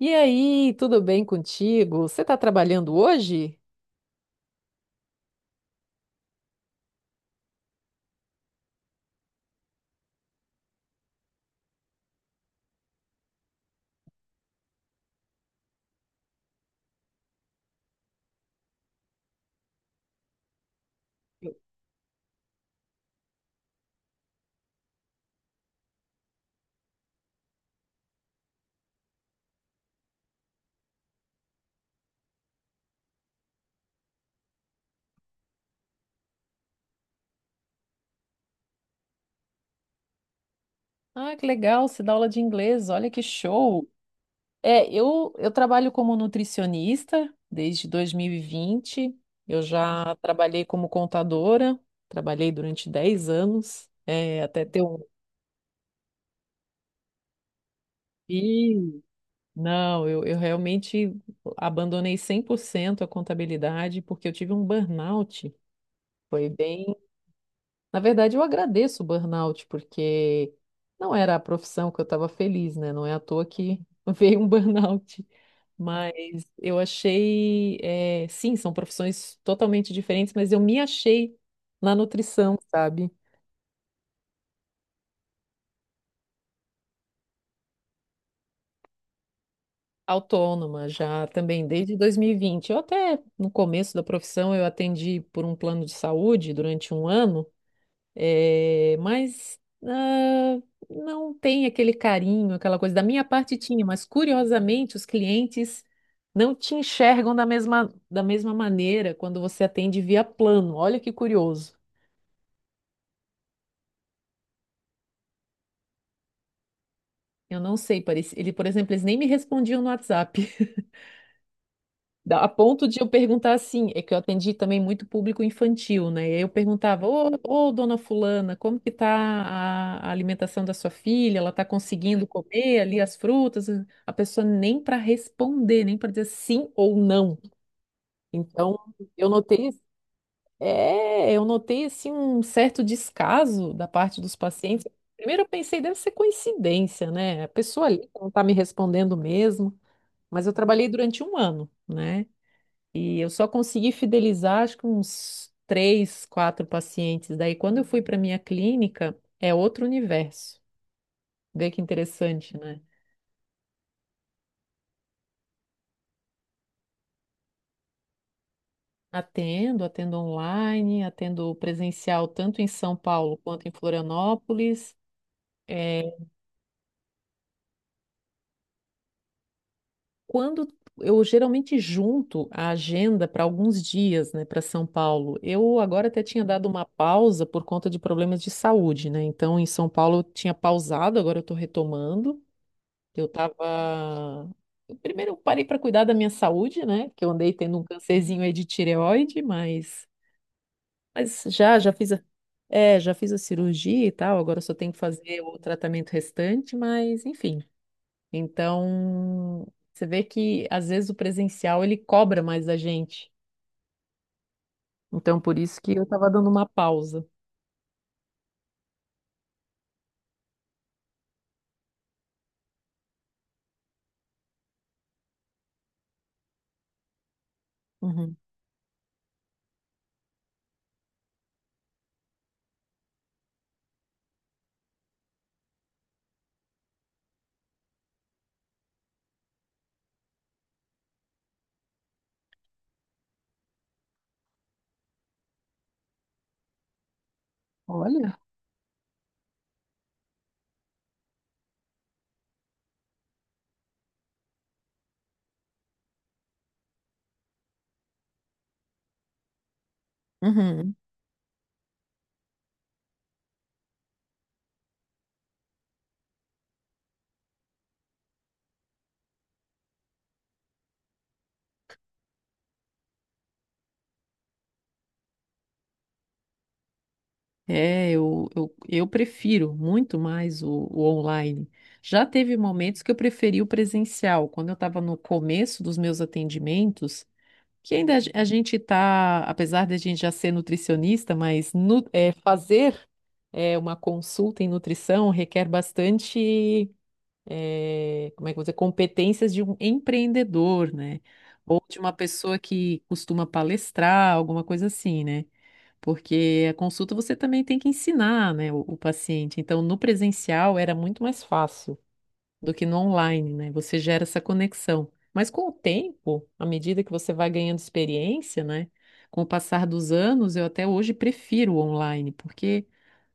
E aí, tudo bem contigo? Você está trabalhando hoje? Ah, que legal, você dá aula de inglês, olha que show! É, eu trabalho como nutricionista desde 2020. Eu já trabalhei como contadora, trabalhei durante 10 anos, até ter um filho. Não, eu realmente abandonei 100% a contabilidade porque eu tive um burnout. Foi bem Na verdade, eu agradeço o burnout, porque não era a profissão que eu estava feliz, né? Não é à toa que veio um burnout. Mas eu achei, sim, são profissões totalmente diferentes, mas eu me achei na nutrição, sabe? Autônoma já também desde 2020. Eu até, no começo da profissão, eu atendi por um plano de saúde durante 1 ano. É, mas ah, não tem aquele carinho, aquela coisa. Da minha parte tinha, mas curiosamente os clientes não te enxergam da mesma maneira quando você atende via plano. Olha que curioso. Eu não sei, ele, por exemplo, eles nem me respondiam no WhatsApp. A ponto de eu perguntar assim, é que eu atendi também muito público infantil, né? E aí eu perguntava, ô, dona fulana, como que tá a alimentação da sua filha? Ela tá conseguindo comer ali as frutas? A pessoa nem para responder, nem para dizer sim ou não. Então, eu notei, eu notei assim um certo descaso da parte dos pacientes. Primeiro eu pensei, deve ser coincidência, né? A pessoa ali não tá me respondendo mesmo, mas eu trabalhei durante 1 ano, né? E eu só consegui fidelizar, acho que uns três, quatro pacientes. Daí, quando eu fui para minha clínica, é outro universo. Vê que interessante, né? Atendo, atendo online, atendo presencial tanto em São Paulo quanto em Florianópolis. É, quando eu geralmente junto a agenda para alguns dias, né, para São Paulo. Eu agora até tinha dado uma pausa por conta de problemas de saúde, né? Então, em São Paulo eu tinha pausado, agora eu estou retomando. Eu tava. Eu primeiro eu parei para cuidar da minha saúde, né? Que eu andei tendo um cancerzinho aí de tireoide, mas já fiz a... É, já fiz a cirurgia e tal, agora eu só tenho que fazer o tratamento restante, mas enfim. Então, você vê que às vezes o presencial ele cobra mais da gente. Então, por isso que eu tava dando uma pausa. Uhum. Olha. Uhum. É, eu prefiro muito mais o online. Já teve momentos que eu preferi o presencial, quando eu estava no começo dos meus atendimentos, que ainda a gente está, apesar de a gente já ser nutricionista, fazer uma consulta em nutrição requer bastante, como é que eu vou dizer, competências de um empreendedor, né? Ou de uma pessoa que costuma palestrar, alguma coisa assim, né? Porque a consulta você também tem que ensinar, né, o paciente. Então, no presencial era muito mais fácil do que no online, né? Você gera essa conexão. Mas com o tempo, à medida que você vai ganhando experiência, né? Com o passar dos anos, eu até hoje prefiro o online, porque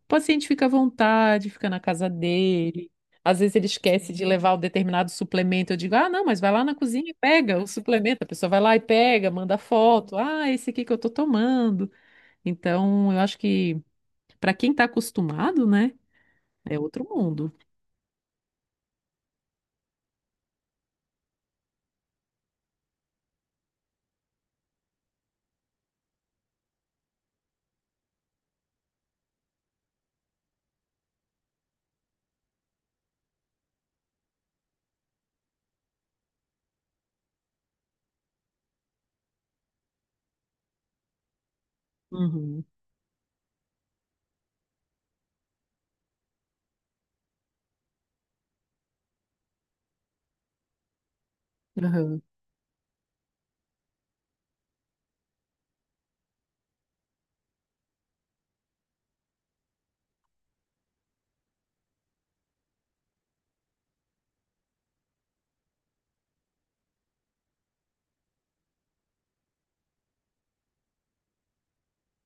o paciente fica à vontade, fica na casa dele. Às vezes ele esquece de levar o determinado suplemento. Eu digo, ah, não, mas vai lá na cozinha e pega o suplemento. A pessoa vai lá e pega, manda foto. Ah, esse aqui que eu tô tomando. Então, eu acho que para quem está acostumado, né, é outro mundo. Uhum. Aham.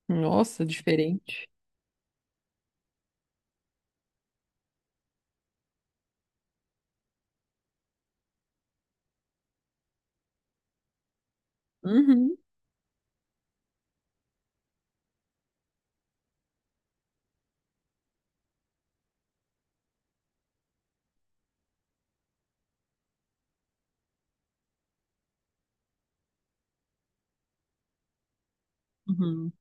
Nossa, diferente. Uhum. Uhum.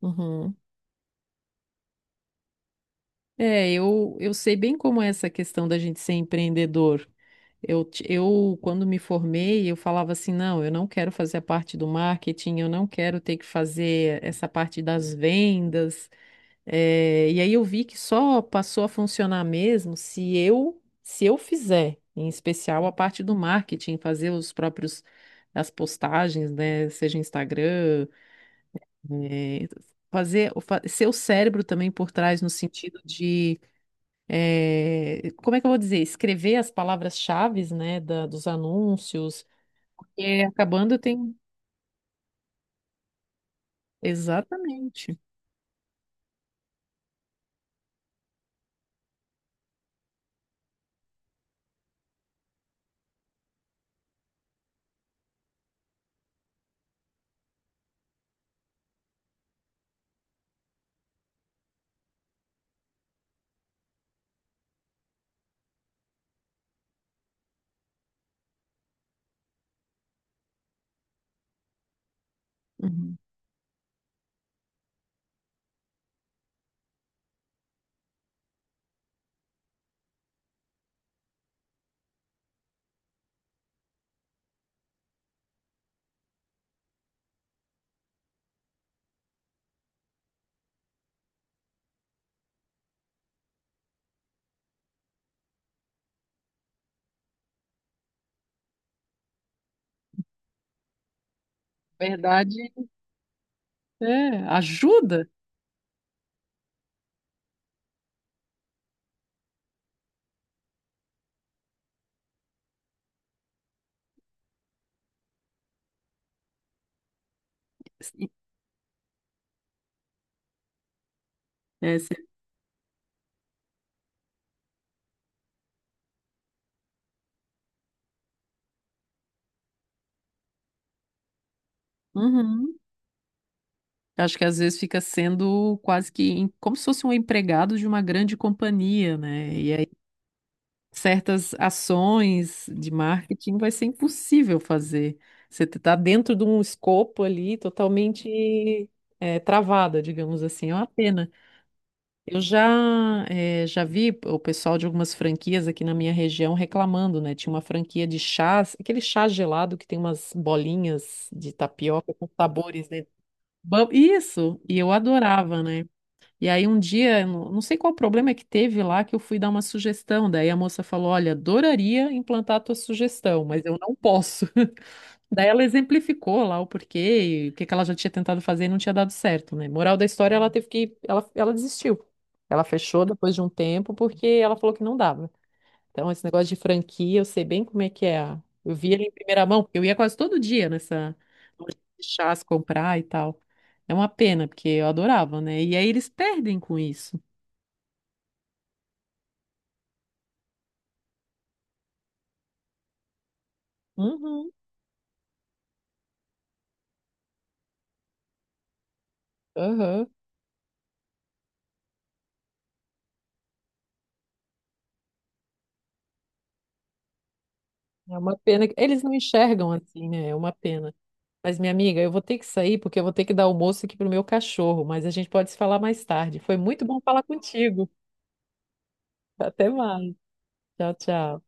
Uhum. É, eu sei bem como é essa questão da gente ser empreendedor. Eu, quando me formei, eu falava assim, não, eu não quero fazer a parte do marketing, eu não quero ter que fazer essa parte das vendas. É, e aí eu vi que só passou a funcionar mesmo se eu fizer, em especial a parte do marketing, fazer os próprios as postagens, né, seja Instagram, é, ser o cérebro também por trás no sentido de como é que eu vou dizer, escrever as palavras-chaves, né, dos anúncios, porque acabando eu tenho exatamente. Uhum. Verdade, é, ajuda. É, se- Uhum. Eu acho que às vezes fica sendo quase que como se fosse um empregado de uma grande companhia, né? E aí certas ações de marketing vai ser impossível fazer. Você está dentro de um escopo ali totalmente travada, digamos assim. É uma pena. Eu já, já vi o pessoal de algumas franquias aqui na minha região reclamando, né? Tinha uma franquia de chás, aquele chá gelado que tem umas bolinhas de tapioca com sabores dentro. Isso, e eu adorava, né? E aí um dia, eu não sei qual problema que teve lá, que eu fui dar uma sugestão. Daí a moça falou: Olha, adoraria implantar a tua sugestão, mas eu não posso. Daí ela exemplificou lá o porquê, e o que que ela já tinha tentado fazer e não tinha dado certo, né? Moral da história, ela teve ela desistiu. Ela fechou depois de um tempo porque ela falou que não dava. Então, esse negócio de franquia, eu sei bem como é que é. Eu vi ele em primeira mão, porque eu ia quase todo dia nessa loja de chás comprar e tal. É uma pena, porque eu adorava, né? E aí eles perdem com isso. Uhum, aham. É uma pena. Eles não enxergam assim, né? É uma pena. Mas, minha amiga, eu vou ter que sair porque eu vou ter que dar almoço aqui pro meu cachorro, mas a gente pode se falar mais tarde. Foi muito bom falar contigo. Até mais. Tchau, tchau.